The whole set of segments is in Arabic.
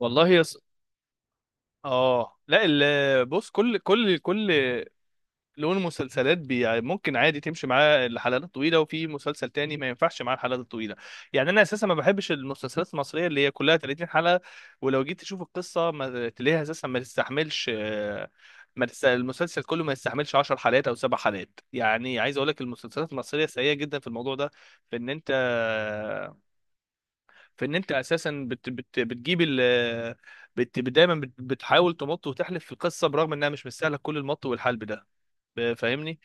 والله اه، لا، بص، كل لون مسلسلات يعني ممكن عادي تمشي معاه الحلقات الطويله، وفي مسلسل تاني ما ينفعش معاه الحلقات الطويله. يعني انا اساسا ما بحبش المسلسلات المصريه اللي هي كلها 30 حلقه، ولو جيت تشوف القصه ما تلاقيها اساسا ما تستحملش. آه، ما تست... المسلسل كله ما يستحملش 10 حلقات او 7 حلقات. يعني عايز اقول لك المسلسلات المصريه سيئه جدا في الموضوع ده، في ان انت، فان انت اساسا بت بت بتجيب دايما بتحاول تمط وتحلف في القصه برغم انها مش مستاهله كل المط والحلب ده. فاهمني؟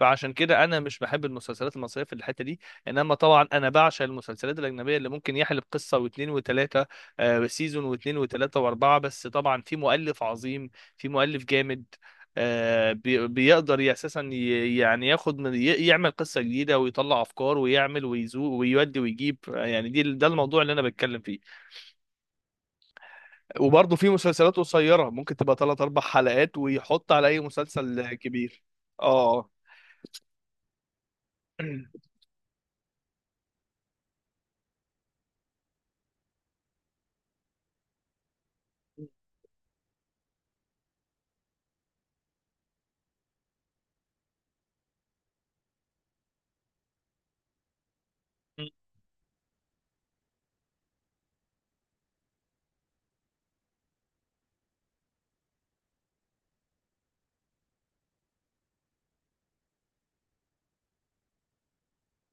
فعشان كده انا مش بحب المسلسلات المصريه في الحته دي. انما طبعا انا بعشق المسلسلات الاجنبيه اللي ممكن يحلب قصه واثنين وثلاثه سيزون واثنين وثلاثه واربعه، بس طبعا في مؤلف عظيم، في مؤلف جامد. بيقدر يعني ياخد يعمل قصه جديده، ويطلع افكار، ويعمل، ويزوق، ويودي، ويجيب. يعني ده الموضوع اللي انا بتكلم فيه. وبرضه في مسلسلات قصيره ممكن تبقى 3 4 حلقات ويحط على اي مسلسل كبير. اه. م-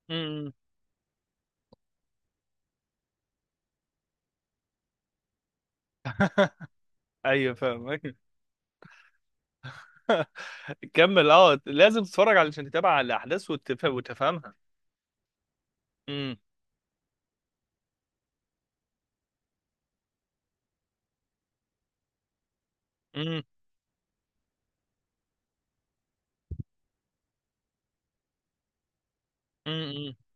م- م. ايوه، فاهمك. كمل. اه، لازم تتفرج علشان تتابع على الاحداث وتفهمها. م- م- م- م-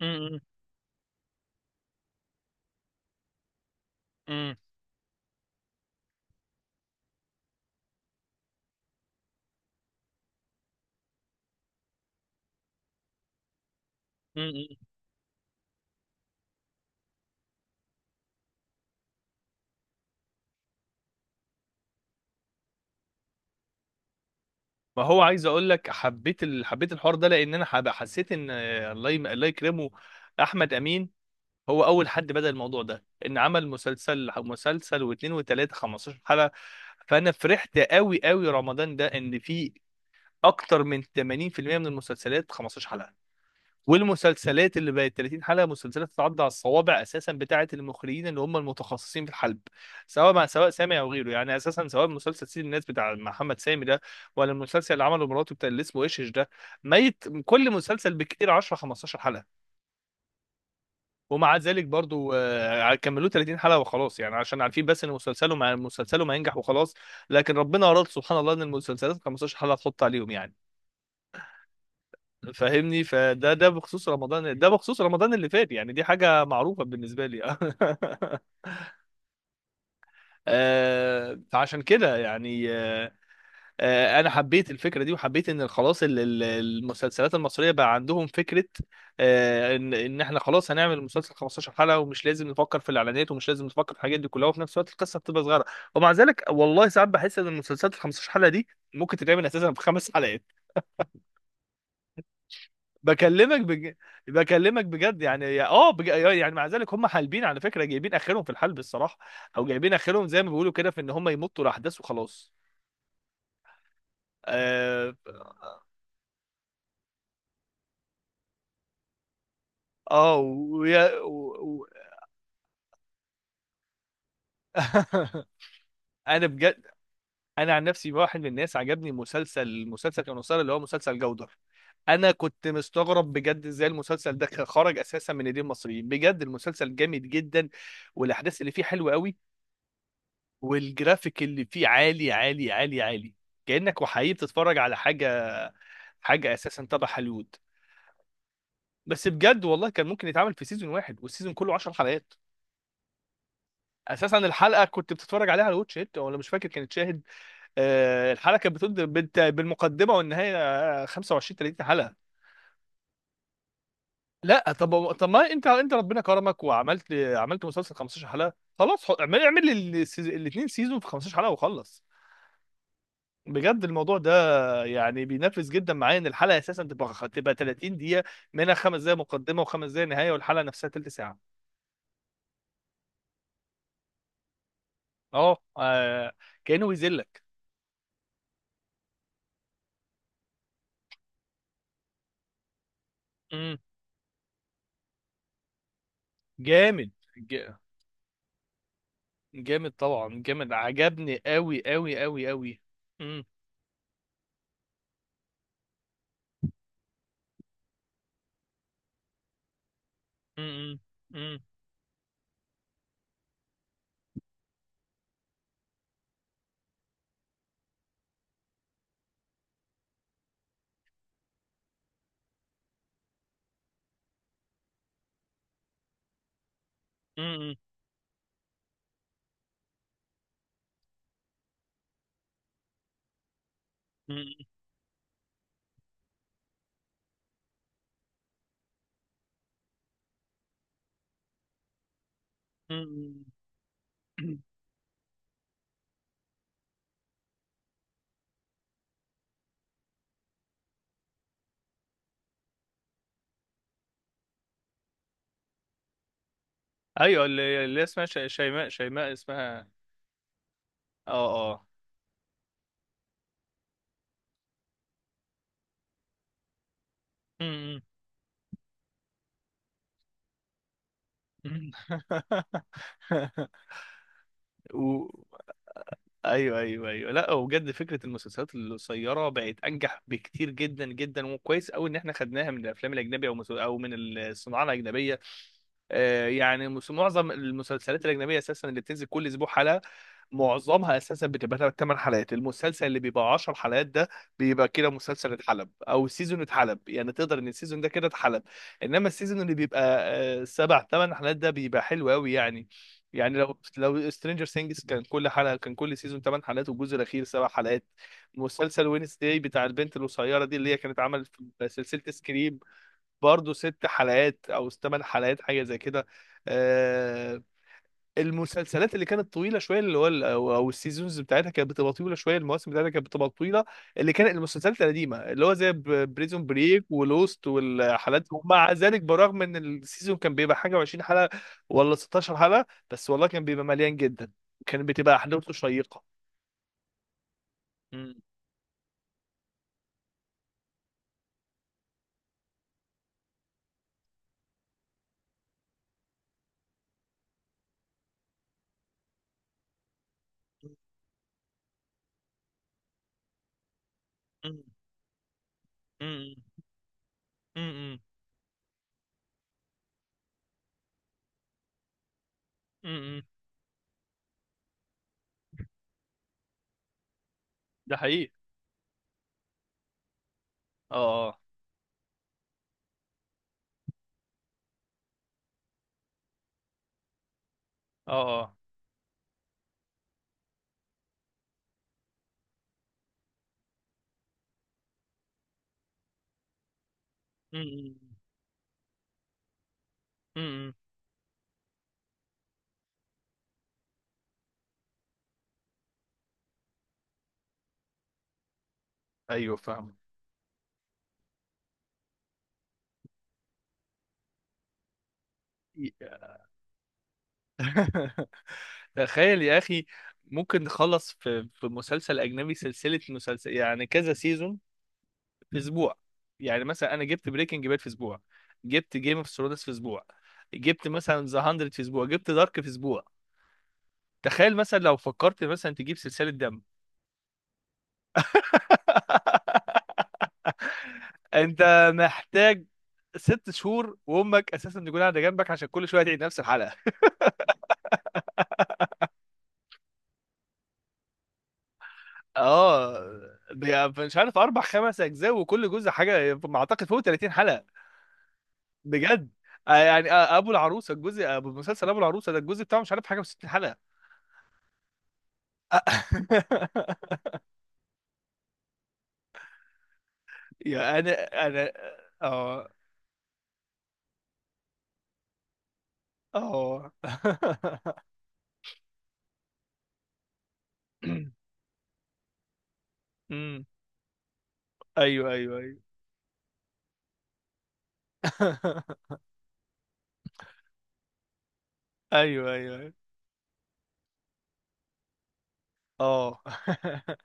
م- م- م- م. ما هو عايز اقول لك، حبيت الحوار ده لان انا حسيت ان الله يكرمه احمد امين، هو اول حد بدأ الموضوع ده، ان عمل مسلسل واثنين وثلاثه 15 حلقه. فانا فرحت قوي قوي رمضان ده ان في اكتر من 80% من المسلسلات 15 حلقه، والمسلسلات اللي بقت 30 حلقه مسلسلات تتعدى على الصوابع اساسا، بتاعه المخرجين اللي هم المتخصصين في الحلب، سواء سامي او غيره. يعني اساسا سواء مسلسل سيد الناس بتاع محمد سامي ده، ولا المسلسل اللي عمله مراته بتاع اللي اسمه ايش، إيش ده، ميت كل مسلسل بكتير 10 15 حلقه. ومع ذلك برضو كملوه 30 حلقه وخلاص، يعني عشان عارفين بس ان مسلسله مع مسلسله ما ينجح وخلاص. لكن ربنا اراد سبحان الله ان المسلسلات 15 حلقه تحط عليهم يعني. فاهمني؟ فده بخصوص رمضان، ده بخصوص رمضان اللي فات. يعني دي حاجة معروفة بالنسبة لي. فعشان كده يعني، انا حبيت الفكرة دي، وحبيت ان خلاص المسلسلات المصرية بقى عندهم فكرة، ان احنا خلاص هنعمل مسلسل 15 حلقة، ومش لازم نفكر في الاعلانات، ومش لازم نفكر في الحاجات دي كلها، وفي نفس الوقت القصة بتبقى صغيرة. ومع ذلك والله ساعات بحس ان المسلسلات ال 15 حلقة دي ممكن تتعمل اساسا في خمس. بكلمك بج... بكلمك بجد، يعني يعني مع ذلك هم حالبين على فكره، جايبين اخرهم في الحلب الصراحه، او جايبين اخرهم زي ما بيقولوا كده، في ان هم يمطوا الاحداث وخلاص. اه، اه. و... انا بجد، انا عن نفسي واحد من الناس عجبني مسلسل، المسلسل كان مسلسل اللي هو مسلسل جودر. انا كنت مستغرب بجد ازاي المسلسل ده خرج اساسا من ايدين المصريين. بجد المسلسل جامد جدا، والاحداث اللي فيه حلوه قوي، والجرافيك اللي فيه عالي عالي عالي عالي، كأنك وحقيقي بتتفرج على حاجة اساسا تبع هوليوود. بس بجد والله كان ممكن يتعمل في سيزون واحد، والسيزون كله 10 حلقات. اساسا الحلقة كنت بتتفرج عليها على واتش ات، ولا مش فاكر كانت شاهد. الحلقة كانت بتبدأ بالمقدمة والنهاية، 25 30 حلقة. لا طب طب، ما انت ربنا كرمك وعملت مسلسل 15 حلقة، خلاص، اعمل الاثنين سيزون في 15 حلقة وخلص. بجد الموضوع ده يعني بينفذ جدا معايا، ان الحلقه اساسا تبقى 30 دقيقه، منها 5 دقائق مقدمه وخمس دقائق نهايه، والحلقه نفسها تلت ساعه. اه. كانه بيذلك. امم جامد. ج- جامد طبعا، جامد، عجبني قوي قوي قوي قوي. امم امم امم امم امم ايوه، اللي اسمها شيماء، شيماء اسمها. اه، اه. امم ايوه، ايوه، ايوه. لا، وبجد فكره المسلسلات القصيره بقت انجح بكتير جدا جدا، وكويس قوي ان احنا خدناها من الافلام الاجنبيه، او من الصناعه الاجنبيه. يعني معظم المسلسلات الاجنبيه اساسا اللي بتنزل كل اسبوع حلقه، معظمها اساسا بتبقى 8 حلقات. المسلسل اللي بيبقى 10 حلقات ده بيبقى كده مسلسل اتحلب، او سيزون اتحلب، يعني تقدر ان السيزون ده كده اتحلب. انما السيزون اللي بيبقى 7 8 حلقات ده بيبقى حلو قوي يعني. يعني لو سترينجر ثينجز كان كل حلقه كان كل سيزون 8 حلقات، والجزء الاخير 7 حلقات. مسلسل وينسداي بتاع البنت القصيره دي، اللي هي كانت عملت في سلسله سكريم، برضه 6 حلقات او 8 حلقات حاجه زي كده. آه، المسلسلات اللي كانت طويله شويه، اللي هو ال- او أو السيزونز بتاعتها كانت بتبقى طويله شويه، المواسم بتاعتها كانت بتبقى طويله، اللي كانت المسلسلات القديمه اللي هو زي بريزون بريك ولوست والحالات دي. ومع ذلك برغم ان السيزون كان بيبقى حاجه و20 حلقه، ولا 16 حلقه، بس والله كان بيبقى مليان جدا، كان بتبقى احداثه شيقه. مم. مم. مم. مم. مم. ده حقيقي. اه، اه، اه، اه. مم. مم. ايوه، فاهم. تخيل يا اخي، ممكن نخلص في مسلسل اجنبي سلسله مسلسل، يعني كذا سيزون، في اسبوع. يعني مثلا انا جبت بريكنج باد في اسبوع، جبت جيم اوف ثرونز في اسبوع، جبت مثلا ذا 100 في اسبوع، جبت دارك في اسبوع. تخيل مثلا لو فكرت مثلا تجيب سلسله دم. انت محتاج 6 شهور، وامك اساسا تكون قاعده جنبك عشان كل شويه تعيد نفس الحلقه. اه. مش عارف اربع خمس اجزاء، وكل جزء حاجه ما اعتقد فوق 30 حلقه. بجد يعني، ابو العروسه، الجزء ابو مسلسل ابو العروسه ده، الجزء بتاعه مش عارف حاجه و60 حلقه. يا انا، اه، اه. أمم، ايوه، ايوه، ايوه. ايوه، ايوه، ايوه، اه.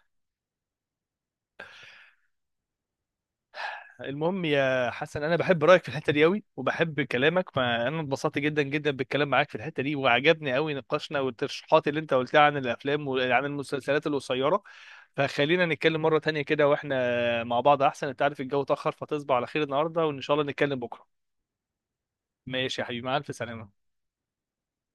المهم يا حسن، انا بحب رايك في الحته دي قوي، وبحب كلامك. فانا اتبسطت جدا جدا بالكلام معاك في الحته دي، وعجبني قوي نقاشنا، والترشيحات اللي انت قلتها عن الافلام وعن المسلسلات القصيره. فخلينا نتكلم مره تانية كده واحنا مع بعض احسن. انت عارف الجو اتاخر، فتصبح على خير النهارده، وان شاء الله نتكلم بكره. ماشي يا حبيبي، مع الف سلامه.